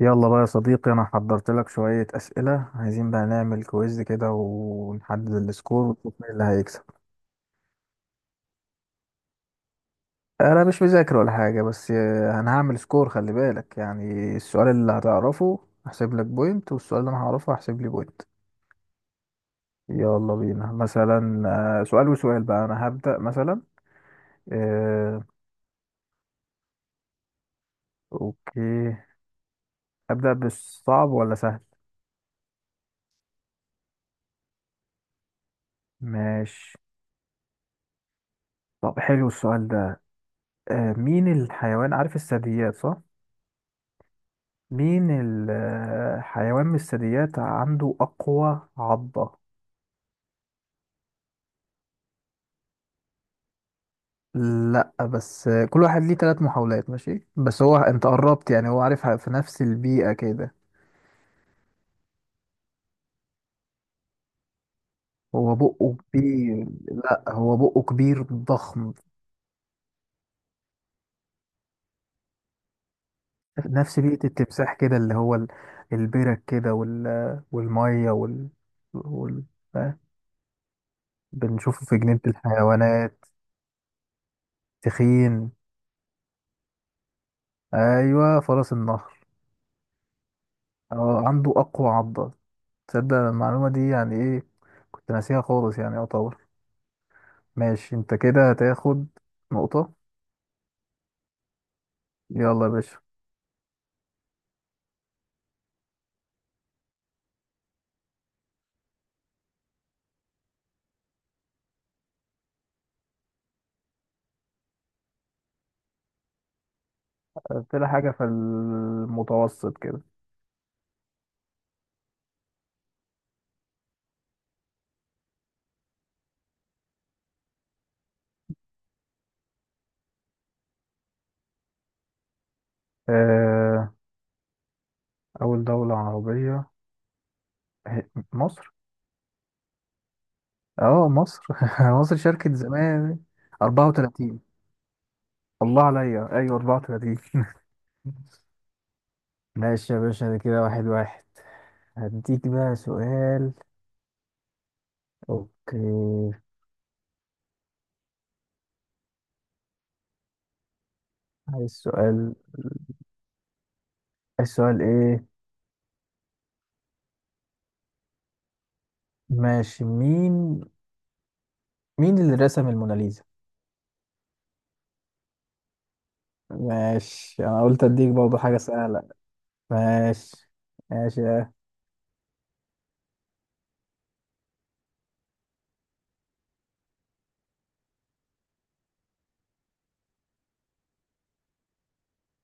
يلا بقى يا صديقي، انا حضرت لك شوية اسئلة. عايزين بقى نعمل كويز كده ونحدد السكور ونشوف مين اللي هيكسب. انا مش مذاكر ولا حاجة بس انا هعمل سكور. خلي بالك يعني السؤال اللي هتعرفه هحسب لك بوينت، والسؤال اللي انا هعرفه هحسب لي بوينت. يلا بينا. مثلا سؤال وسؤال بقى. انا هبدأ مثلا. آه، اوكي، ابدأ بالصعب ولا سهل؟ ماشي. طب حلو السؤال ده. مين الحيوان، عارف الثدييات صح؟ مين الحيوان من الثدييات عنده أقوى عضة؟ لأ بس كل واحد ليه تلات محاولات. ماشي بس هو أنت قربت يعني، هو عارفها في نفس البيئة كده. هو بقه كبير. لأ هو بقه كبير ضخم. نفس بيئة التمساح كده، اللي هو ال-، البرك كده وال...، والمية وال...، وال...، آه، بنشوفه في جنينة الحيوانات. تخين. أيوة، فرس النهر. عنده أقوى عضة. تصدق المعلومة دي يعني ايه، كنت ناسيها خالص يعني يعتبر. ماشي انت كده هتاخد نقطة. يلا يا باشا. قلت لها حاجة في المتوسط كده. آه. أول دولة عربية هي- مصر. اه مصر مصر شاركت زمان. 34. الله عليا، ايوه 34 ماشي يا باشا، ده كده واحد واحد. هديك بقى سؤال. اوكي، عايز سؤال. عايز سؤال ايه؟ ماشي. مين، مين اللي رسم الموناليزا؟ ماشي انا قلت اديك برضه حاجه سهله. ماشي ماشي.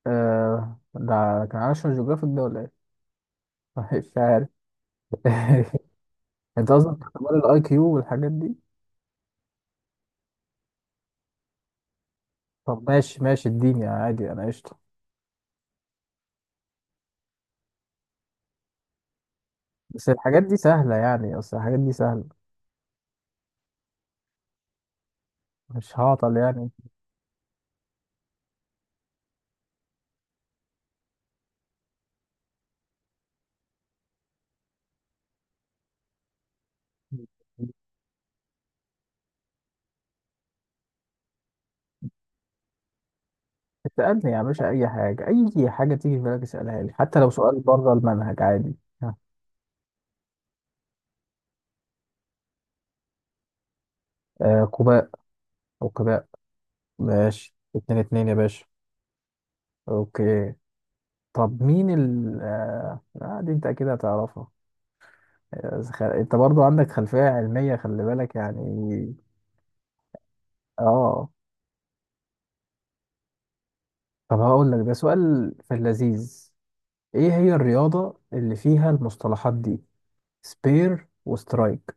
آه ده كان ناشونال جيوغرافيك ده ولا ايه؟ مش عارف انت قصدك اختبار الاي كيو والحاجات دي؟ طب ماشي ماشي، اديني عادي انا قشطه. بس الحاجات دي سهله، يعني اصل الحاجات دي سهله، مش هعطل يعني. اسألني يا باشا أي حاجة، أي حاجة تيجي في بالك اسألها لي، حتى لو سؤال بره المنهج عادي. ها. آه، كوباء. أو كباء. ماشي اتنين اتنين يا باشا. أوكي. طب مين ال دي انت اكيد هتعرفها. خ- انت برضو عندك خلفية علمية، خلي بالك يعني. اه. طب هقول لك ده سؤال في اللذيذ. ايه هي الرياضة اللي فيها المصطلحات دي: سبير وسترايك؟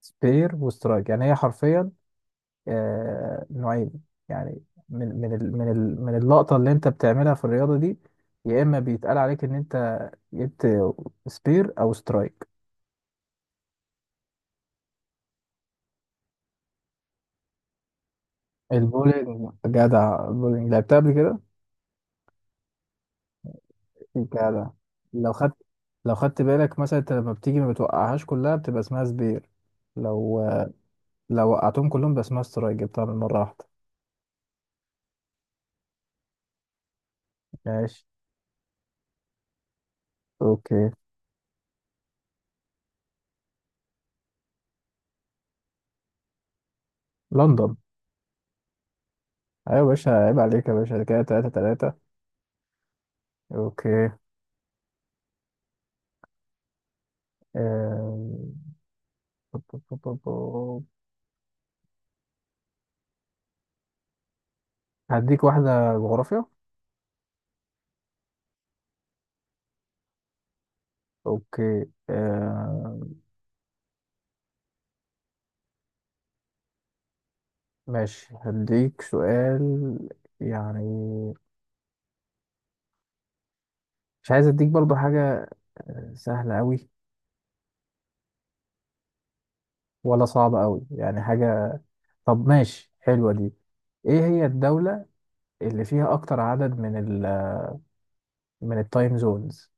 سبير وسترايك، يعني هي حرفيا آه نوعين يعني، من اللقطة اللي انت بتعملها في الرياضة دي، يا اما بيتقال عليك ان انت جبت سبير او سترايك. البولينج، جدع، البولينج لعبتها قبل كده. جدع. لو خدت، لو خدت بالك مثلا انت لما بتيجي ما بتوقعهاش كلها بتبقى اسمها سبير. لو، لو وقعتهم كلهم بيبقى اسمها سترايك، جبتها من مرة واحدة. ماشي. اوكي. لندن. ايوه يا باشا، عيب عليك يا باشا، ده كده تلاتة تلاتة. اوكي. آم، بو- بو- بو- بو- بو. هديك واحدة جغرافيا. اوكي ماشي هديك سؤال، يعني مش عايز اديك برضو حاجة سهلة أوي ولا صعب قوي، يعني حاجة. طب ماشي حلوة دي. ايه هي الدولة اللي فيها اكتر عدد من ال، من التايم زونز؟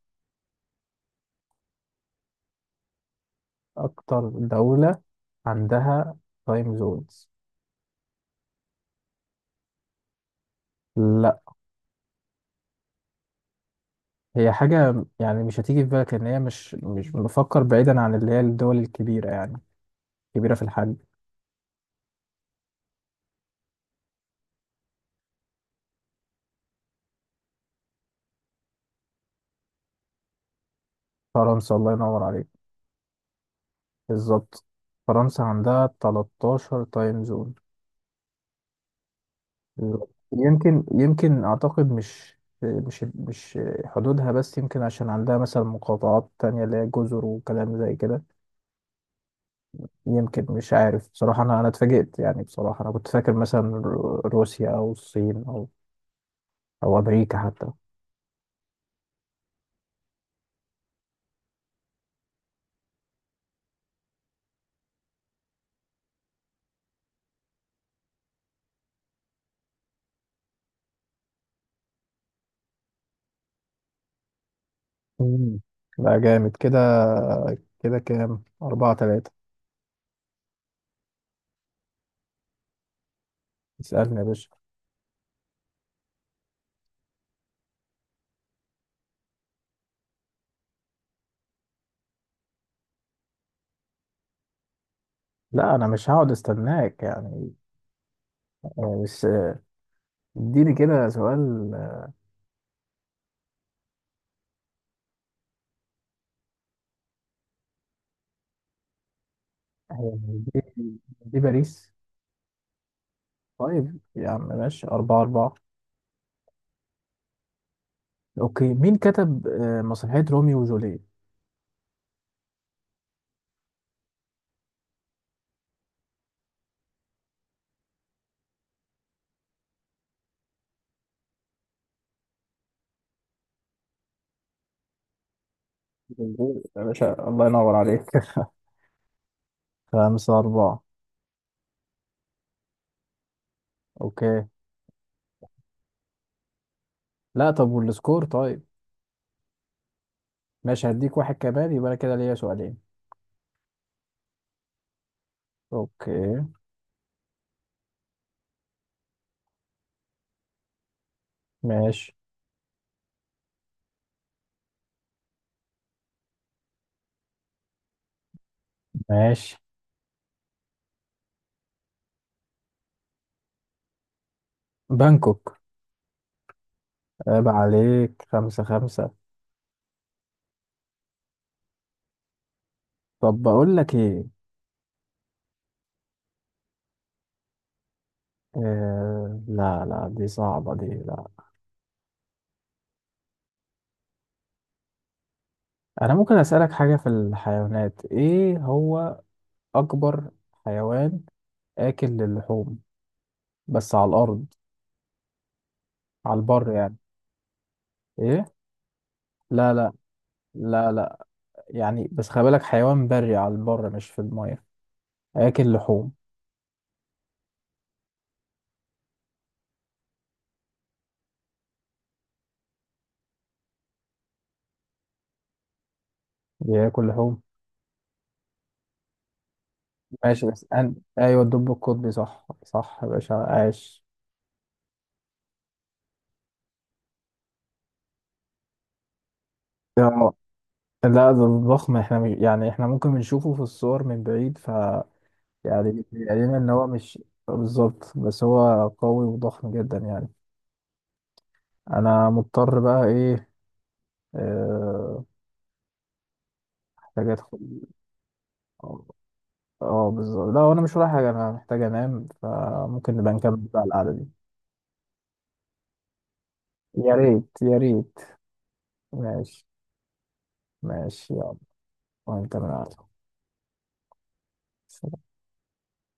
اكتر دولة عندها تايم زونز. لا. هي حاجة يعني مش هتيجي في بالك، ان هي مش بفكر بعيدا عن اللي هي الدول الكبيرة يعني، كبيرة في الحجم. فرنسا، الله ينور عليك. بالظبط. فرنسا عندها 13 تايم زون. يمكن، يمكن اعتقد مش حدودها بس، يمكن عشان عندها مثلا مقاطعات تانية اللي هي جزر وكلام زي كده. يمكن مش عارف بصراحة، انا اتفاجئت يعني بصراحة. انا كنت فاكر مثلا رو- روسيا او الصين او او امريكا حتى. مم. لا جامد كده. كده كام، أربعة تلاتة. اسألني يا باشا. لا أنا مش هقعد استناك يعني. آه، بس آه، اديني كده سؤال. هي، دي, دي باريس. طيب يا عم، ماشي أربعة أربعة. أوكي. مين كتب مسرحية روميو وجولييت؟ جمهور يا باشا، الله ينور عليك خمسة أربعة. أوكي. لا طب والسكور طيب. ماشي هديك واحد كمان، يبقى أنا كده ليا سؤالين. أوكي. ماشي ماشي. بانكوك. عيب عليك، خمسة خمسة. طب بقول لك إيه، آه لا لا دي صعبة دي لا. أنا ممكن أسألك حاجة في الحيوانات. إيه هو أكبر حيوان آكل للحوم؟ بس على الارض، على البر يعني. ايه؟ لا لا، لا لا، يعني بس خلي بالك حيوان بري على البر، مش في الميه، هياكل لحوم. بياكل لحوم. ماشي بس أن...، ايوه الدب القطبي، صح صح يا باشا، عاش. اه لا ده ضخم، احنا مش... يعني احنا ممكن بنشوفه في الصور من بعيد ف يعني بيبقى لنا ان هو مش بالظبط، بس هو قوي وضخم جدا يعني. انا مضطر بقى ايه، آه، محتاج ادخل. اه بالظبط، لا انا مش ورايا حاجه، انا محتاج انام، فممكن نبقى نكمل بقى القعده دي. يا ريت يا ريت. ماشي. ماشي يلا. وانت من القعده.